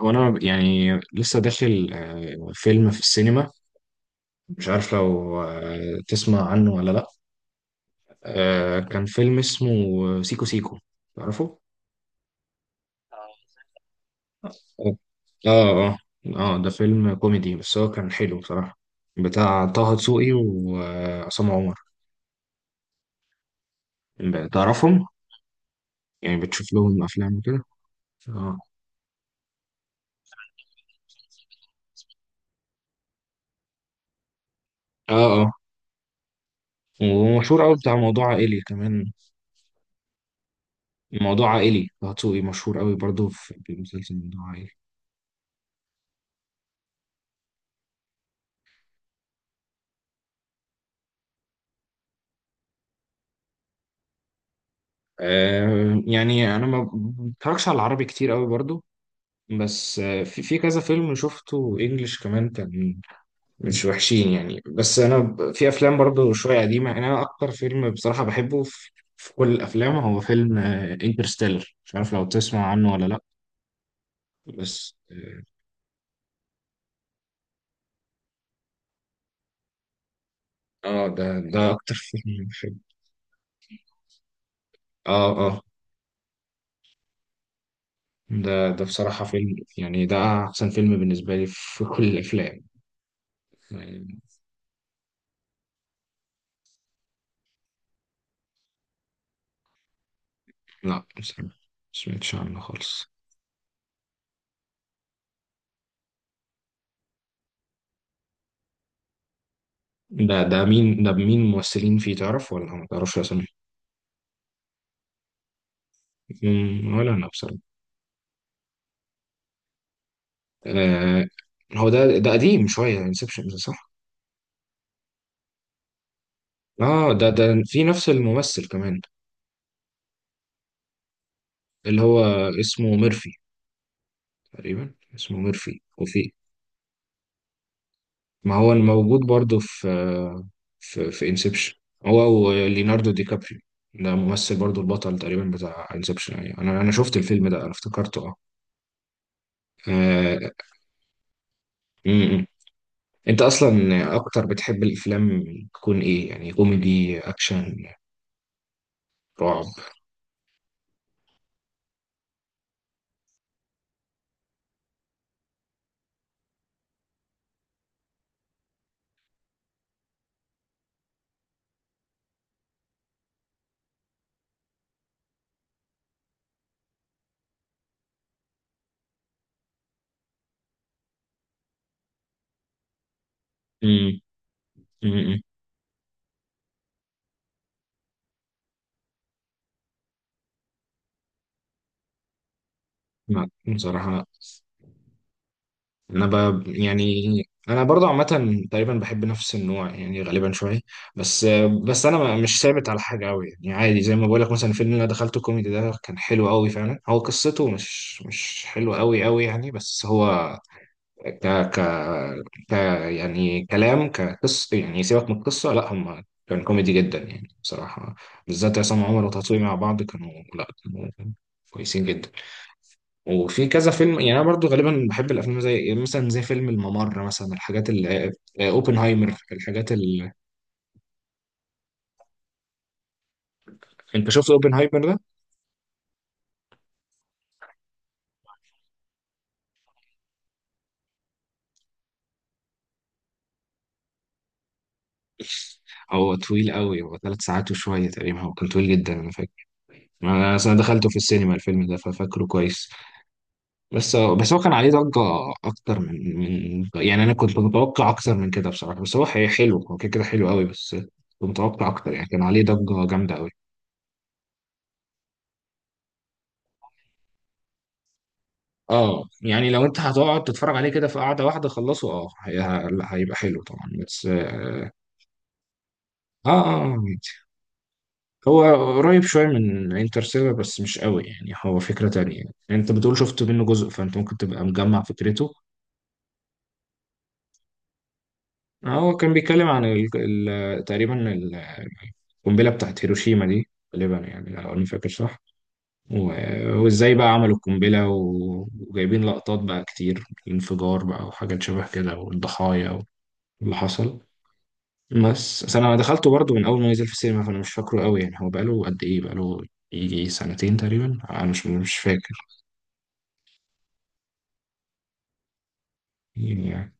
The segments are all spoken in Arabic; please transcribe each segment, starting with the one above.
هو انا يعني لسه داخل، فيلم في السينما. مش عارف لو تسمع عنه ولا لا. كان فيلم اسمه سيكو سيكو، تعرفه؟ اه، اه، اه. ده فيلم كوميدي بس هو كان حلو بصراحة، بتاع طه دسوقي وعصام عمر، تعرفهم؟ يعني بتشوف لهم افلام وكده؟ اه، اه، اه، ومشهور قوي، بتاع موضوع عائلي كمان. موضوع عائلي. طه دسوقي مشهور قوي برضه في مسلسل موضوع عائلي. يعني انا ما بتفرجش على العربي كتير قوي برضو. بس في كذا فيلم شفته انجليش كمان، كان مش وحشين يعني. بس انا في افلام برضو شويه قديمه، يعني انا اكتر فيلم بصراحه بحبه في كل الافلام هو فيلم انترستيلر، مش عارف لو تسمع عنه ولا لا. بس اه. ده اكتر فيلم بحبه. اه، اه، ده بصراحه فيلم يعني، ده احسن فيلم بالنسبه لي في كل الافلام يعني. لا بصراحه ما سمعتش عنه خالص. ده مين؟ ده مين ممثلين فيه، تعرف ولا ما تعرفش اسامي؟ مم، ولا انا بصراحه. آه هو ده قديم شويه، انسبشن، صح؟ اه، ده في نفس الممثل كمان. اللي هو اسمه ميرفي، تقريبا اسمه ميرفي، وفي... ما هو الموجود برضه في انسبشن، هو وليوناردو دي كابريو. ده ممثل برضه، البطل تقريبا بتاع انسبشن، يعني انا شفت الفيلم ده، انا افتكرته. اه. آه، انت اصلا اكتر بتحب الافلام تكون ايه، يعني كوميدي، اكشن، رعب؟ امم، امم، أمم. بصراحه، انا يعني، انا برضه عامه تقريبا بحب نفس النوع يعني، غالبا شويه. بس بس انا مش ثابت على حاجه قوي يعني، عادي. زي ما بقول لك مثلا، الفيلم اللي انا دخلته كوميدي ده كان حلو قوي فعلا، هو قصته مش حلوه قوي قوي يعني، بس هو ك ك ك يعني كلام، كقصة يعني سيبك من القصة، لا هم كان كوميدي جدا يعني بصراحة. بالذات عصام عمر وتطوي مع بعض، كانوا، لا، كانوا كويسين جدا. وفي كذا فيلم يعني. أنا برضو غالبا بحب الأفلام زي مثلا، زي فيلم الممر مثلا، الحاجات ال... أوبنهايمر، الحاجات ال... أنت شفت أوبنهايمر ده؟ هو طويل قوي، هو 3 ساعات وشوية تقريبا، هو كان طويل جدا أنا فاكر. أنا أصلا دخلته في السينما الفيلم ده، ففاكره كويس. بس هو كان عليه ضجة أكتر من يعني، أنا كنت متوقع أكتر من كده بصراحة، بس هو حلو، هو كده كده حلو قوي، بس كنت متوقع أكتر يعني، كان عليه ضجة جامدة قوي. اه. يعني لو أنت هتقعد تتفرج عليه كده في قعدة واحدة، خلصه، اه هيبقى حلو طبعا، بس اه. اه. عادي. هو قريب شوية من انترستيلر، بس مش قوي يعني، هو فكرة تانية يعني. أنت بتقول شفت منه جزء، فأنت ممكن تبقى مجمع فكرته. هو كان بيتكلم عن تقريبا القنبلة بتاعت هيروشيما دي غالبا، يعني لو أنا فاكر صح. وإزاي بقى عملوا القنبلة، وجايبين لقطات بقى كتير، الانفجار بقى وحاجات شبه كده، والضحايا واللي حصل. بس أنا دخلته برضه من أول ما نزل في السينما، فأنا مش فاكره قوي يعني. هو بقاله قد إيه، بقاله يجي سنتين تقريبا، أنا مش فاكر. يعني.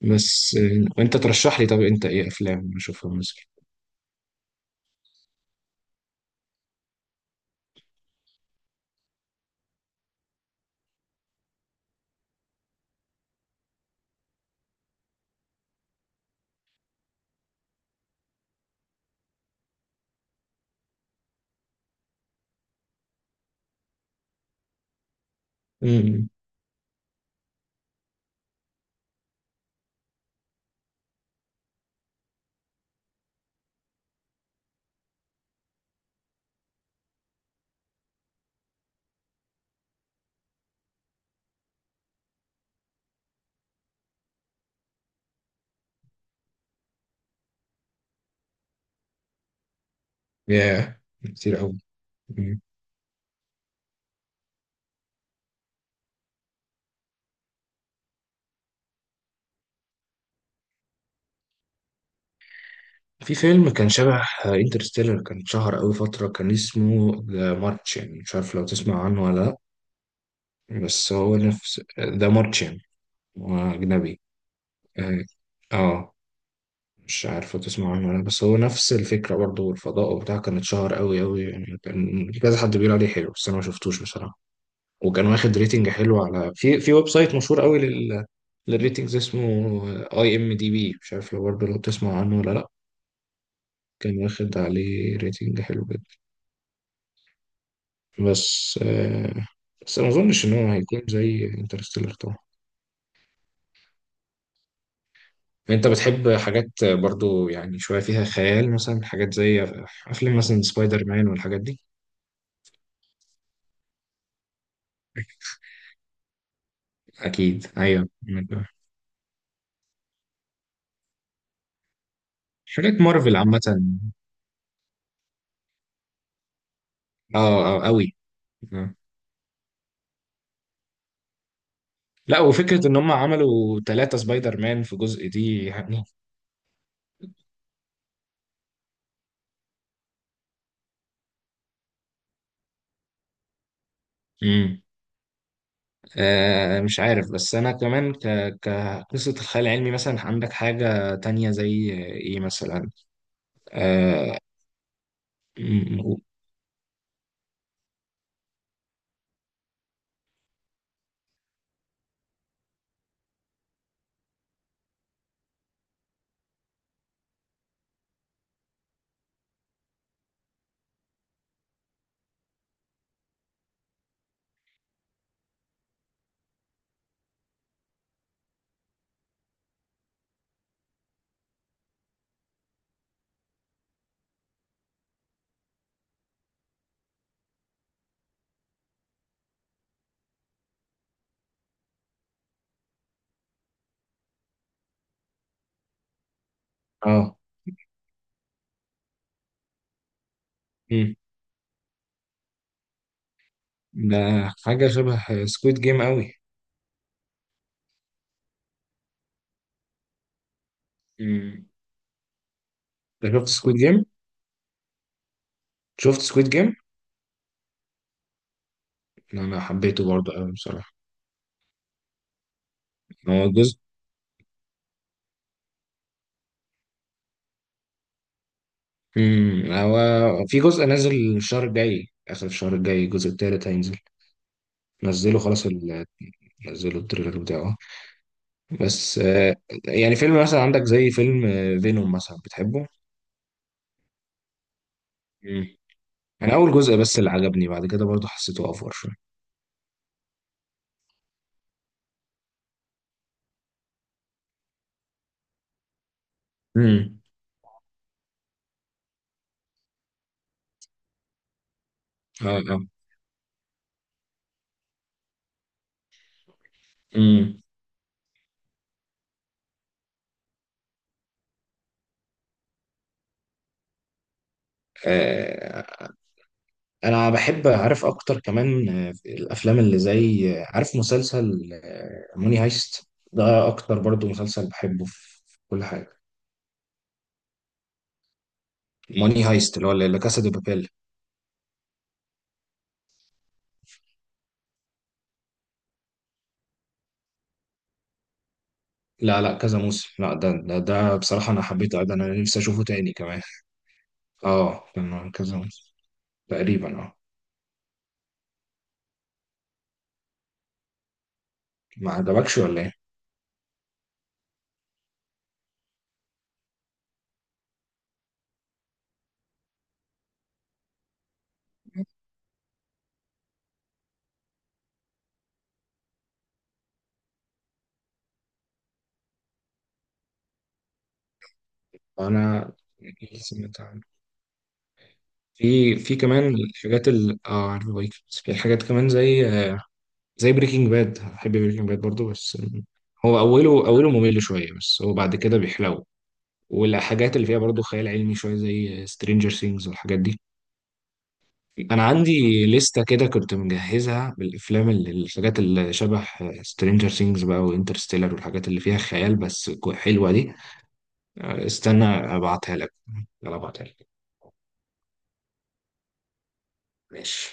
بس وأنت ترشح لي، طب أنت إيه أفلام أشوفها مثلا؟ امم. ياه كتير قوي. في فيلم كان شبه انترستيلر، كان شهر قوي فترة، كان اسمه ذا مارتشن، مش عارف لو تسمع عنه ولا لأ. بس هو نفس ذا مارتشن، هو أجنبي. اه. آه، مش عارف لو تسمع عنه ولا لأ، بس هو نفس الفكرة برضه، والفضاء وبتاع. كان اتشهر قوي قوي يعني، كان كذا حد بيقول عليه حلو، بس أنا ما شفتوش بصراحة. وكان واخد ريتنج حلو على، في ويب سايت مشهور قوي لل... للريتنجز اسمه IMDB، مش عارف لو برضه لو تسمع عنه ولا لأ. كان واخد عليه ريتنج حلو جدا. بس آه، بس ما اظنش ان هو هيكون زي انترستيلر طبعا. انت بتحب حاجات برضو يعني شوية فيها خيال، مثلا حاجات زي افلام مثلا سبايدر مان والحاجات دي؟ اكيد ايوه. حاجات مارفل عامة. اه، اه قوي. آه. لا، وفكرة ان هم عملوا ثلاثة سبايدر مان في جزء دي يعني. امم. مش عارف، بس انا كمان كقصة الخيال العلمي مثلا، عندك حاجة تانية زي ايه مثلا؟ اه, مم، آه. مم. ده حاجة شبه سكويد جيم قوي. مم. انت شفت سكويد جيم؟ شفت سكويد جيم؟ انا حبيته برضه قوي بصراحة. هو جزء، هو في جزء نازل الشهر الجاي، آخر الشهر الجاي الجزء التالت هينزل. نزله خلاص ال... نزلوا التريلر بتاعه. بس يعني فيلم مثلا عندك زي فيلم فينوم مثلا، بتحبه؟ مم. انا اول جزء بس اللي عجبني، بعد كده برضه حسيته افور شوية. مم. اه، اه. مم. انا بحب اعرف اكتر كمان، في الافلام اللي زي، عارف مسلسل موني هايست ده، اكتر برضو مسلسل بحبه في كل حاجه. موني هايست اللي هو لا كاسا دي بابيل. لا، لا، كذا موسم، لا ده بصراحه انا حبيته، ده انا نفسي اشوفه تاني كمان. اه، كان كذا موسم تقريبا، اه. ما عجبكش ولا ايه؟ انا سمعت عنه. في كمان الحاجات ال... اه، عارف بايكنجز؟ في حاجات كمان زي، زي بريكنج باد. احب بريكنج باد برضو، بس هو اوله اوله ممل شويه، بس هو بعد كده بيحلو. والحاجات اللي فيها برضو خيال علمي شويه، زي سترينجر سينجز والحاجات دي. انا عندي لستة كده كنت مجهزها بالافلام اللي الحاجات اللي شبه سترينجر سينجز بقى، وانترستيلر، والحاجات اللي فيها خيال بس حلوه دي. استنى ابعتها لك. يلا ابعتها لك. ماشي.